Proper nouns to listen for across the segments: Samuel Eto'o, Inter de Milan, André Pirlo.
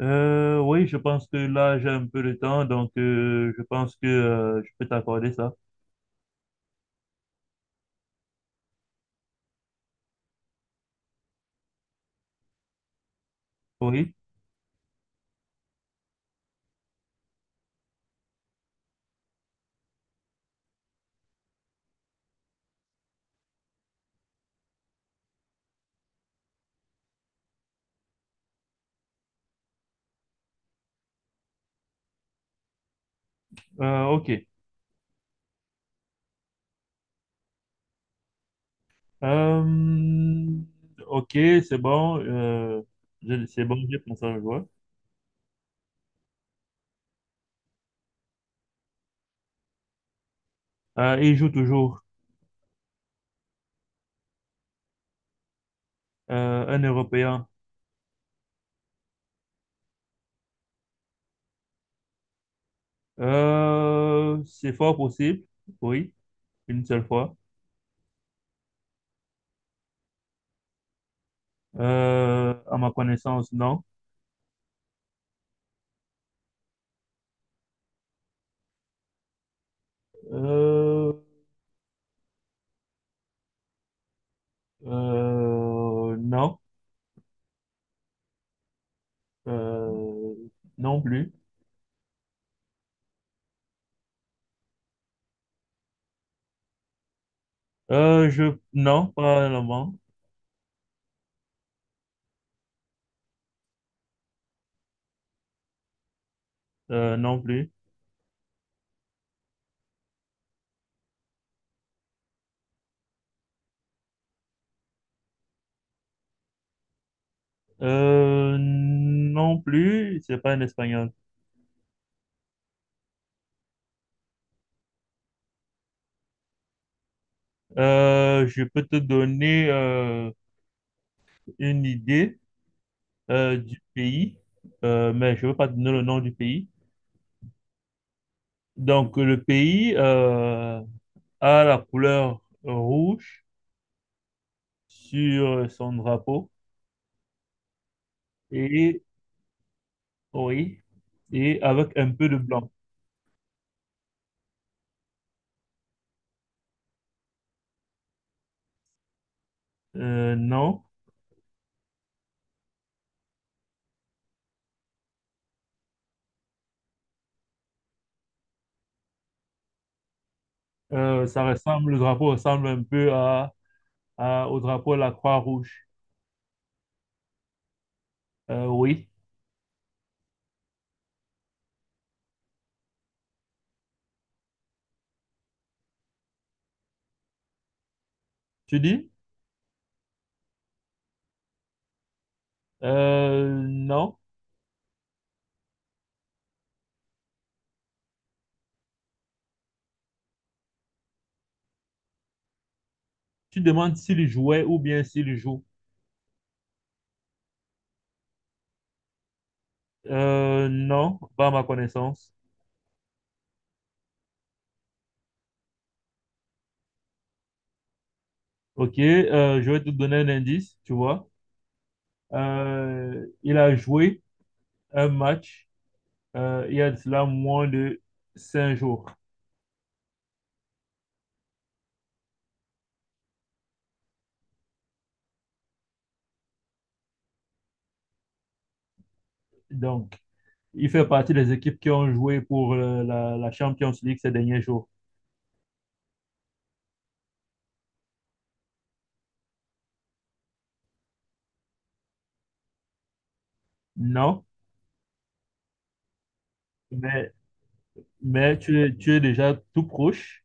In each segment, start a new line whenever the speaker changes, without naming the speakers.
Oui, je pense que là, j'ai un peu de temps, donc je pense que je peux t'accorder ça. Oui. Ok. Euh, ok, c'est bon. C'est bon, j'ai pensé à le joueur. Il joue toujours. Un Européen. C'est fort possible, oui, une seule fois. À ma connaissance, non. Euh, non, euh, non plus. Non, pas vraiment. Non plus. Non plus, c'est pas un espagnol. Je peux te donner une idée du pays, mais je ne veux pas te donner le nom du pays. Donc, le pays a la couleur rouge sur son drapeau et, oui, et avec un peu de blanc. Non. Le drapeau ressemble un peu au drapeau de la Croix-Rouge. Oui, tu dis? Non. Tu demandes s'il jouait ou bien s'il joue. Non, pas à ma connaissance. Ok, je vais te donner un indice, tu vois. Il a joué un match il y a de cela moins de 5 jours. Donc, il fait partie des équipes qui ont joué pour la Champions League ces derniers jours. Non, mais, mais tu es déjà tout proche.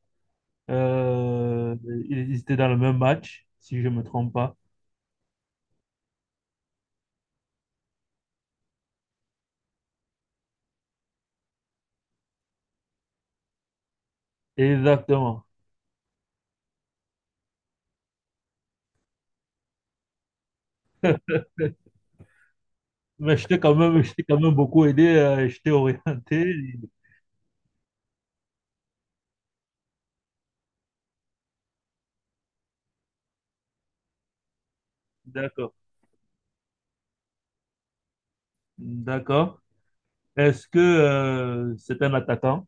Euh, Ils étaient dans le même match, si je ne me trompe pas. Exactement. Mais je t'ai quand même beaucoup aidé, je t'ai orienté. D'accord, d'accord. Est-ce que c'est un attaquant?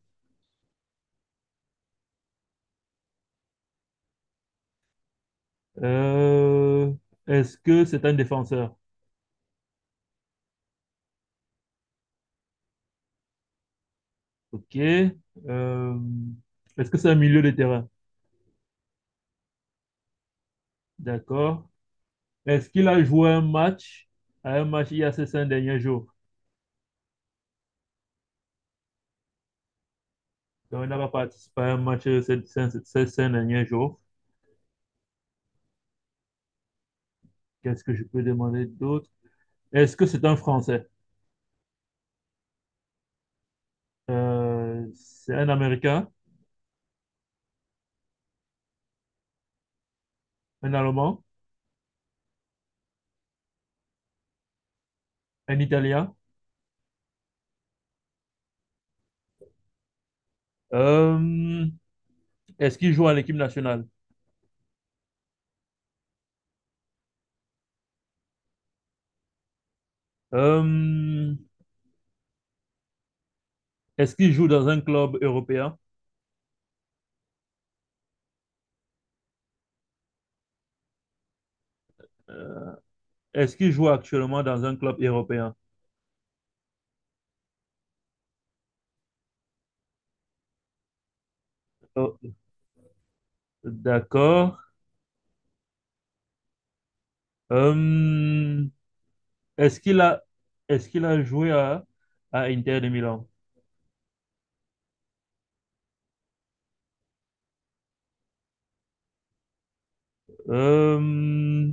Euh, Est-ce que c'est un défenseur? Ok. Euh, Est-ce que c'est un milieu de terrain? D'accord. Est-ce qu'il a joué un match à un match il y a ces 5 derniers jours? Donc, il n'a pas participé à un match ces cinq derniers jours. Qu'est-ce que je peux demander d'autre? Est-ce que c'est un Français? C'est un Américain? Un Allemand? Un Italien. Euh, Est-ce qu'il joue à l'équipe nationale? Euh, Est-ce qu'il joue dans un club européen? Euh, Est-ce qu'il joue actuellement dans un club européen? Oh, d'accord. Euh, est-ce qu'il a, Est-ce qu'il a joué à Inter de Milan? Euh,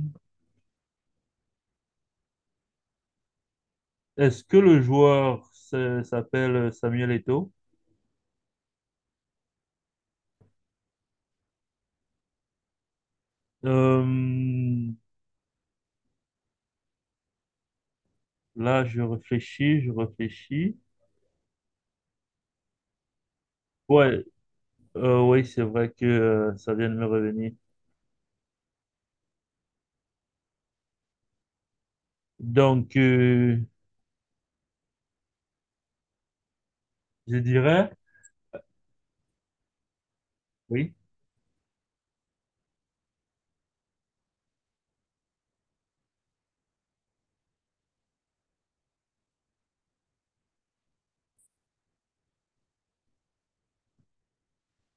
Est-ce que le joueur s'appelle Samuel Eto'o? Euh, Là, je réfléchis. Ouais, oui, c'est vrai que ça vient de me revenir. Donc, je dirais. Oui.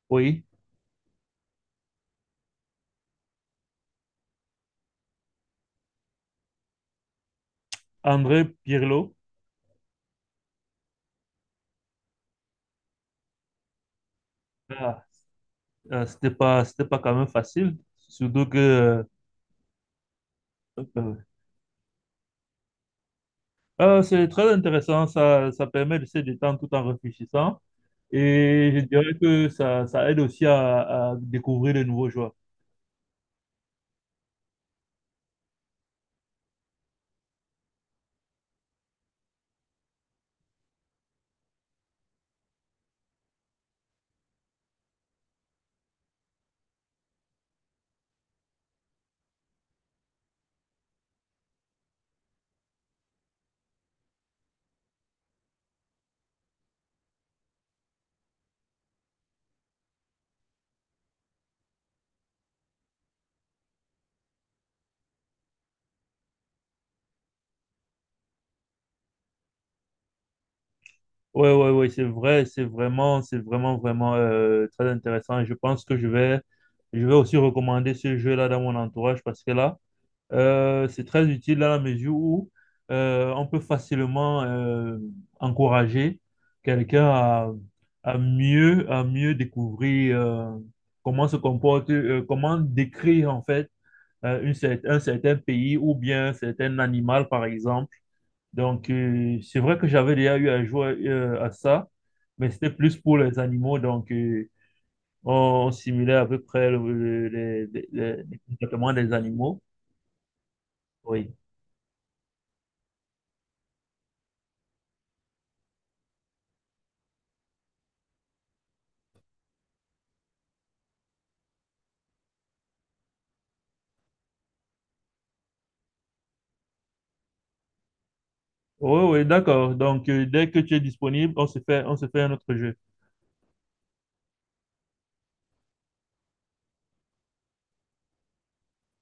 Oui, André Pirlo. Ah, c'était pas quand même facile. Surtout que euh, c'est très intéressant. Ça permet de se détendre tout en réfléchissant. Et je dirais que ça aide aussi à découvrir de nouveaux joueurs. Ouais, ouais, ouais, c'est vrai, c'est vraiment, vraiment très intéressant. Et je pense que je vais aussi recommander ce jeu-là dans mon entourage parce que là, c'est très utile dans la mesure où on peut facilement encourager quelqu'un à mieux découvrir comment décrire en fait un certain pays ou bien un certain animal par exemple. Donc c'est vrai que j'avais déjà eu à jouer à ça, mais c'était plus pour les animaux. Donc on, on simulait à peu près les comportements des animaux. Oui. Oui, oui, d'accord. Donc, dès que tu es disponible, on se fait un autre jeu.